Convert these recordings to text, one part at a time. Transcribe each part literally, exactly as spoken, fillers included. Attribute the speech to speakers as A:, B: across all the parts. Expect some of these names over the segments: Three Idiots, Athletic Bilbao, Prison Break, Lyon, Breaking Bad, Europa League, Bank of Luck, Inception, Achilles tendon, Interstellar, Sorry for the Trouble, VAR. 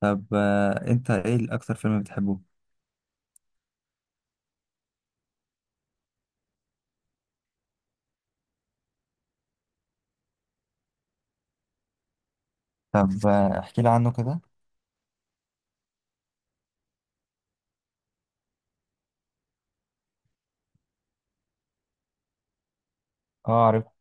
A: طب آه، انت ايه اكتر فيلم بتحبه؟ طب آه، احكي لي عنه كده. اه، عرفت.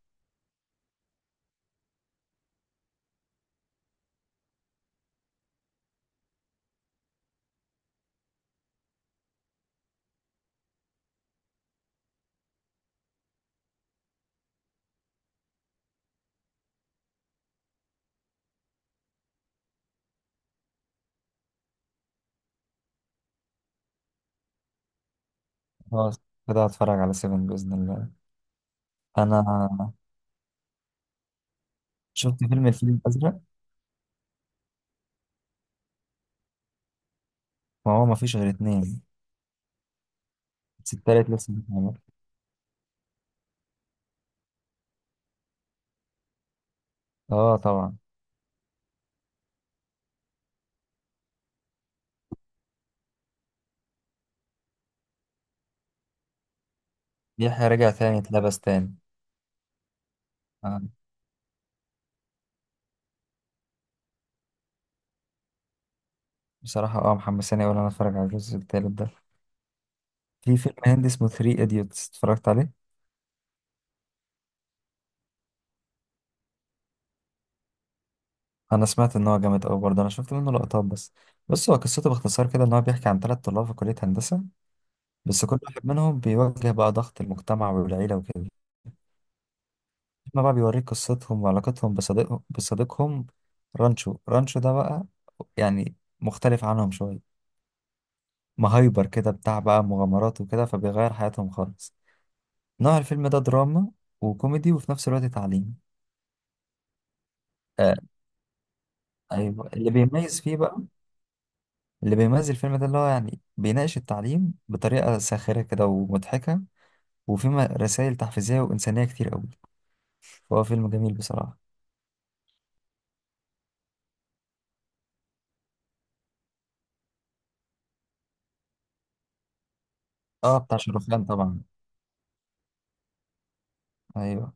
A: خلاص، كده هتفرج على سيفن بإذن الله. انا شفت فيلم الفيل الأزرق. ما هو مفيش غير اتنين، بس التالت لسه بيتعمل. اه طبعا. يحيى رجع تاني، اتلبس تاني. آه. بصراحة اه محمساني أوي إن أنا أتفرج على الجزء التالت ده. في فيلم هندي اسمه ثري إيديوتس اتفرجت عليه. أنا سمعت إن هو جامد أوي برضه، أنا شفت منه لقطات بس. بص هو قصته باختصار كده، إن هو بيحكي عن تلات طلاب في كلية هندسة، بس كل واحد منهم بيواجه بقى ضغط المجتمع والعيلة وكده. احنا بقى بيوريك قصتهم وعلاقتهم بصديقهم بصديقهم رانشو. رانشو ده بقى يعني مختلف عنهم شوية، مهايبر كده بتاع بقى مغامرات وكده، فبيغير حياتهم خالص. نوع الفيلم ده دراما وكوميدي وفي نفس الوقت تعليم. آه. أيوة، اللي بيميز فيه بقى، اللي بيميز الفيلم ده اللي هو يعني بيناقش التعليم بطريقة ساخرة كده ومضحكة، وفيه رسائل تحفيزية وإنسانية كتير قوي. فهو فيلم جميل بصراحة. اه، بتاع شاروخان طبعا. ايوه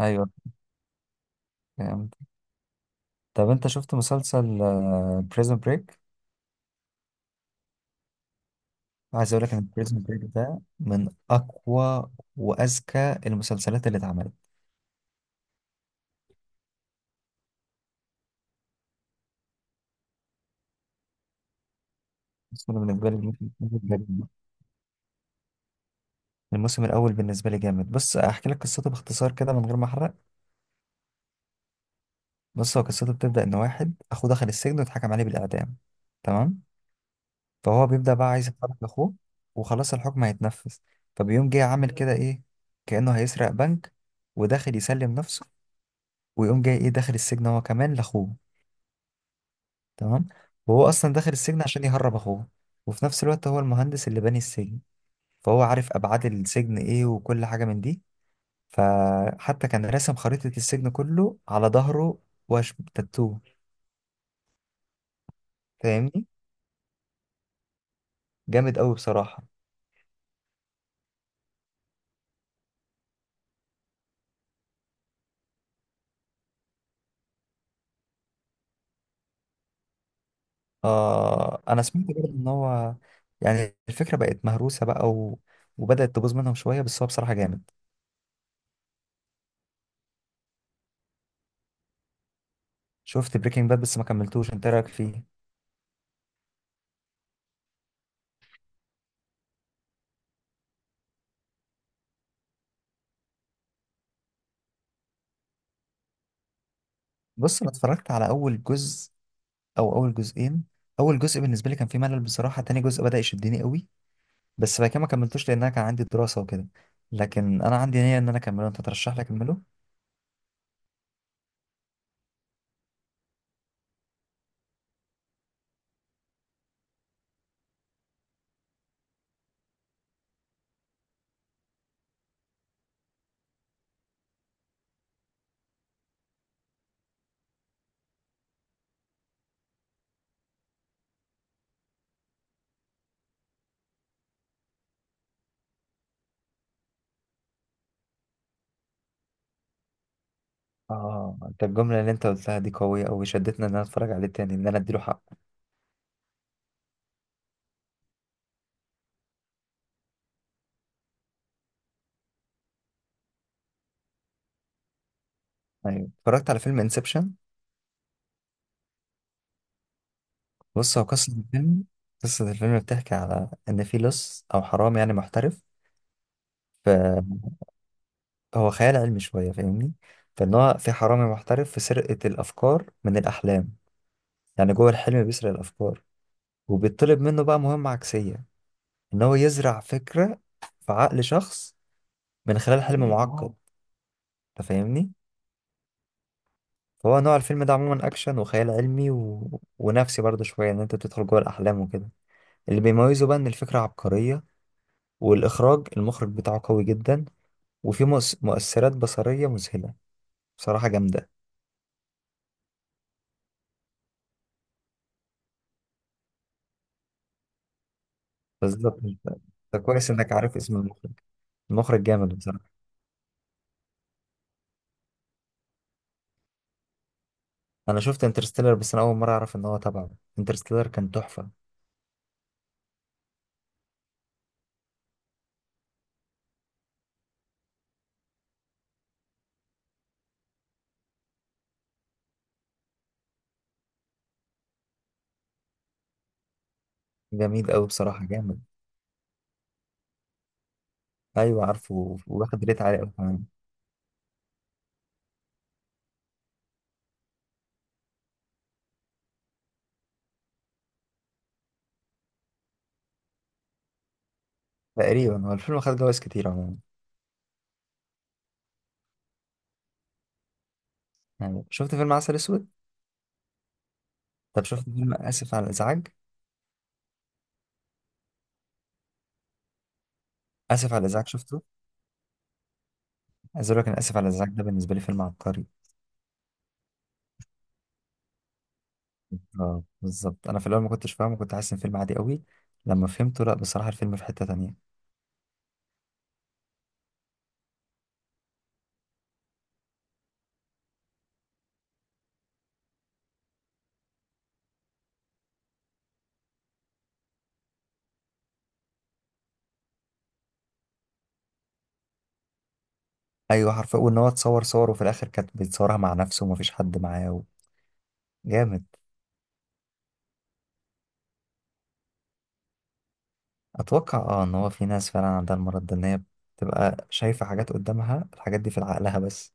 A: ايوه، فهمت. طب انت شفت مسلسل بريزون بريك؟ عايز اقول لك ان بريزون بريك ده من اقوى واذكى المسلسلات اللي اتعملت. بس أنا بالنسبه لي الموسم الأول جامد. الموسم الاول بالنسبه لي جامد. بص احكي لك قصته باختصار كده من غير ما احرق. بص هو قصته بتبدا ان واحد اخوه دخل السجن واتحكم عليه بالاعدام. تمام. فهو بيبدا بقى عايز يحرك اخوه، وخلاص الحكم هيتنفذ. فبيقوم جه عامل كده ايه، كانه هيسرق بنك، وداخل يسلم نفسه، ويقوم جاي ايه داخل السجن هو كمان لاخوه. تمام. وهو اصلا داخل السجن عشان يهرب اخوه. وفي نفس الوقت هو المهندس اللي باني السجن، فهو عارف ابعاد السجن ايه وكل حاجه من دي. فحتى كان راسم خريطه السجن كله على ظهره، واش تاتو. فاهمني؟ جامد قوي بصراحه. آه انا سمعت برضه ان هو يعني الفكره بقت مهروسه بقى، و... وبدات تبوظ منهم شويه، بس هو بصراحه جامد. شفت بريكنج باد بس ما كملتوش. انت إيه رايك فيه؟ بص انا اتفرجت على اول جزء، او اول جزئين. اول جزء بالنسبه لي كان فيه ملل بصراحه، تاني جزء بدا يشدني قوي. بس بعد كده ما كملتوش لان انا كان عندي دراسه وكده. لكن انا عندي نيه ان انا اكمله. انت ترشح لي اكمله؟ اه، انت الجمله اللي انت قلتها دي قويه قوي، شدتني ان انا اتفرج عليه تاني، ان انا اديله حق. ايوه. اتفرجت على فيلم انسبشن. بص هو قصه الفيلم، قصه الفيلم بتحكي على ان في لص او حرامي يعني محترف. فهو خيال علمي شويه، فاهمني؟ فان هو في حرامي محترف في سرقه الافكار من الاحلام، يعني جوه الحلم بيسرق الافكار. وبيطلب منه بقى مهمة عكسية، إن هو يزرع فكرة في عقل شخص من خلال حلم معقد. أنت فاهمني؟ فهو نوع الفيلم ده عموما أكشن وخيال علمي و... ونفسي برضه شوية، إن أنت بتدخل جوه الأحلام وكده. اللي بيميزه بقى إن الفكرة عبقرية، والإخراج، المخرج بتاعه قوي جدا. وفي مؤس... مؤثرات بصرية مذهلة، بصراحة جامدة. بالظبط. انت أنت كويس إنك عارف اسم المخرج. المخرج جامد بصراحة. أنا شفت انترستيلر بس أنا أول مرة أعرف إن هو تبعه. انترستيلر كان تحفة. جميل أوي بصراحة، جامد. ايوه عارفه، واخد ريت عالي قوي كمان. تقريبا هو الفيلم خد جوائز كتير عموما. يعني شفت فيلم عسل اسود؟ طب شفت فيلم اسف على الازعاج؟ اسف على الازعاج شفته. عايز اقول لك انا اسف على الازعاج ده بالنسبه لي فيلم عبقري. اه بالظبط، انا في الاول ما كنتش فاهمه، كنت حاسس ان فيلم عادي قوي. لما فهمته لا، بصراحه الفيلم في حته تانية. ايوه حرفيا، وان هو اتصور صور وفي الاخر كانت بيتصورها مع نفسه ومفيش حد معاه و... جامد. اتوقع اه ان هو في ناس فعلا عندها المرض ده، ان هي بتبقى شايفه حاجات قدامها، الحاجات دي في عقلها بس.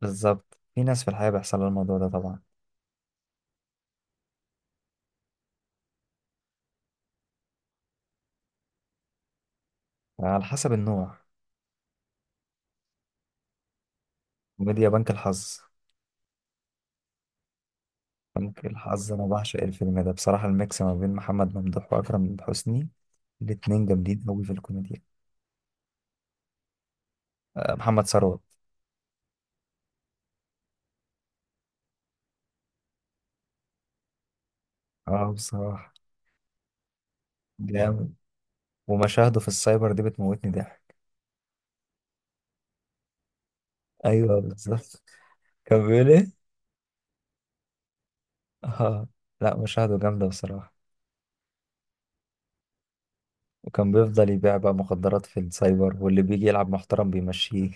A: بالظبط، في ناس في الحياة بيحصل لها الموضوع ده طبعا. على حسب النوع. كوميديا: بنك الحظ. بنك الحظ، أنا بعشق الفيلم ده بصراحة، الميكس ما بين محمد ممدوح وأكرم حسني، الاتنين جامدين أوي في الكوميديا. آه، محمد ثروت. اه بصراحة جامد. ومشاهده في السايبر دي بتموتني ضحك. أيوه بالظبط. كان بيقول إيه؟ اه. لا، مشاهده جامدة بصراحة. وكان بيفضل يبيع بقى مخدرات في السايبر، واللي بيجي يلعب محترم بيمشيه.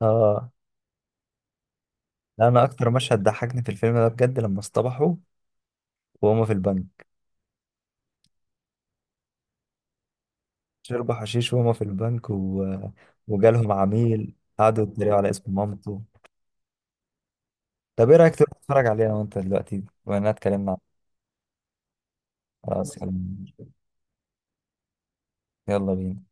A: اه. لا، انا اكتر مشهد ضحكني في الفيلم ده بجد لما اصطبحوا وهما في البنك، شربوا حشيش وهما في البنك، و... وجالهم عميل قعدوا يتريقوا على اسم مامته. طب ايه رأيك تروح تتفرج عليها وانت دلوقتي وانا اتكلمنا عن. خلاص يلا. يلا بينا.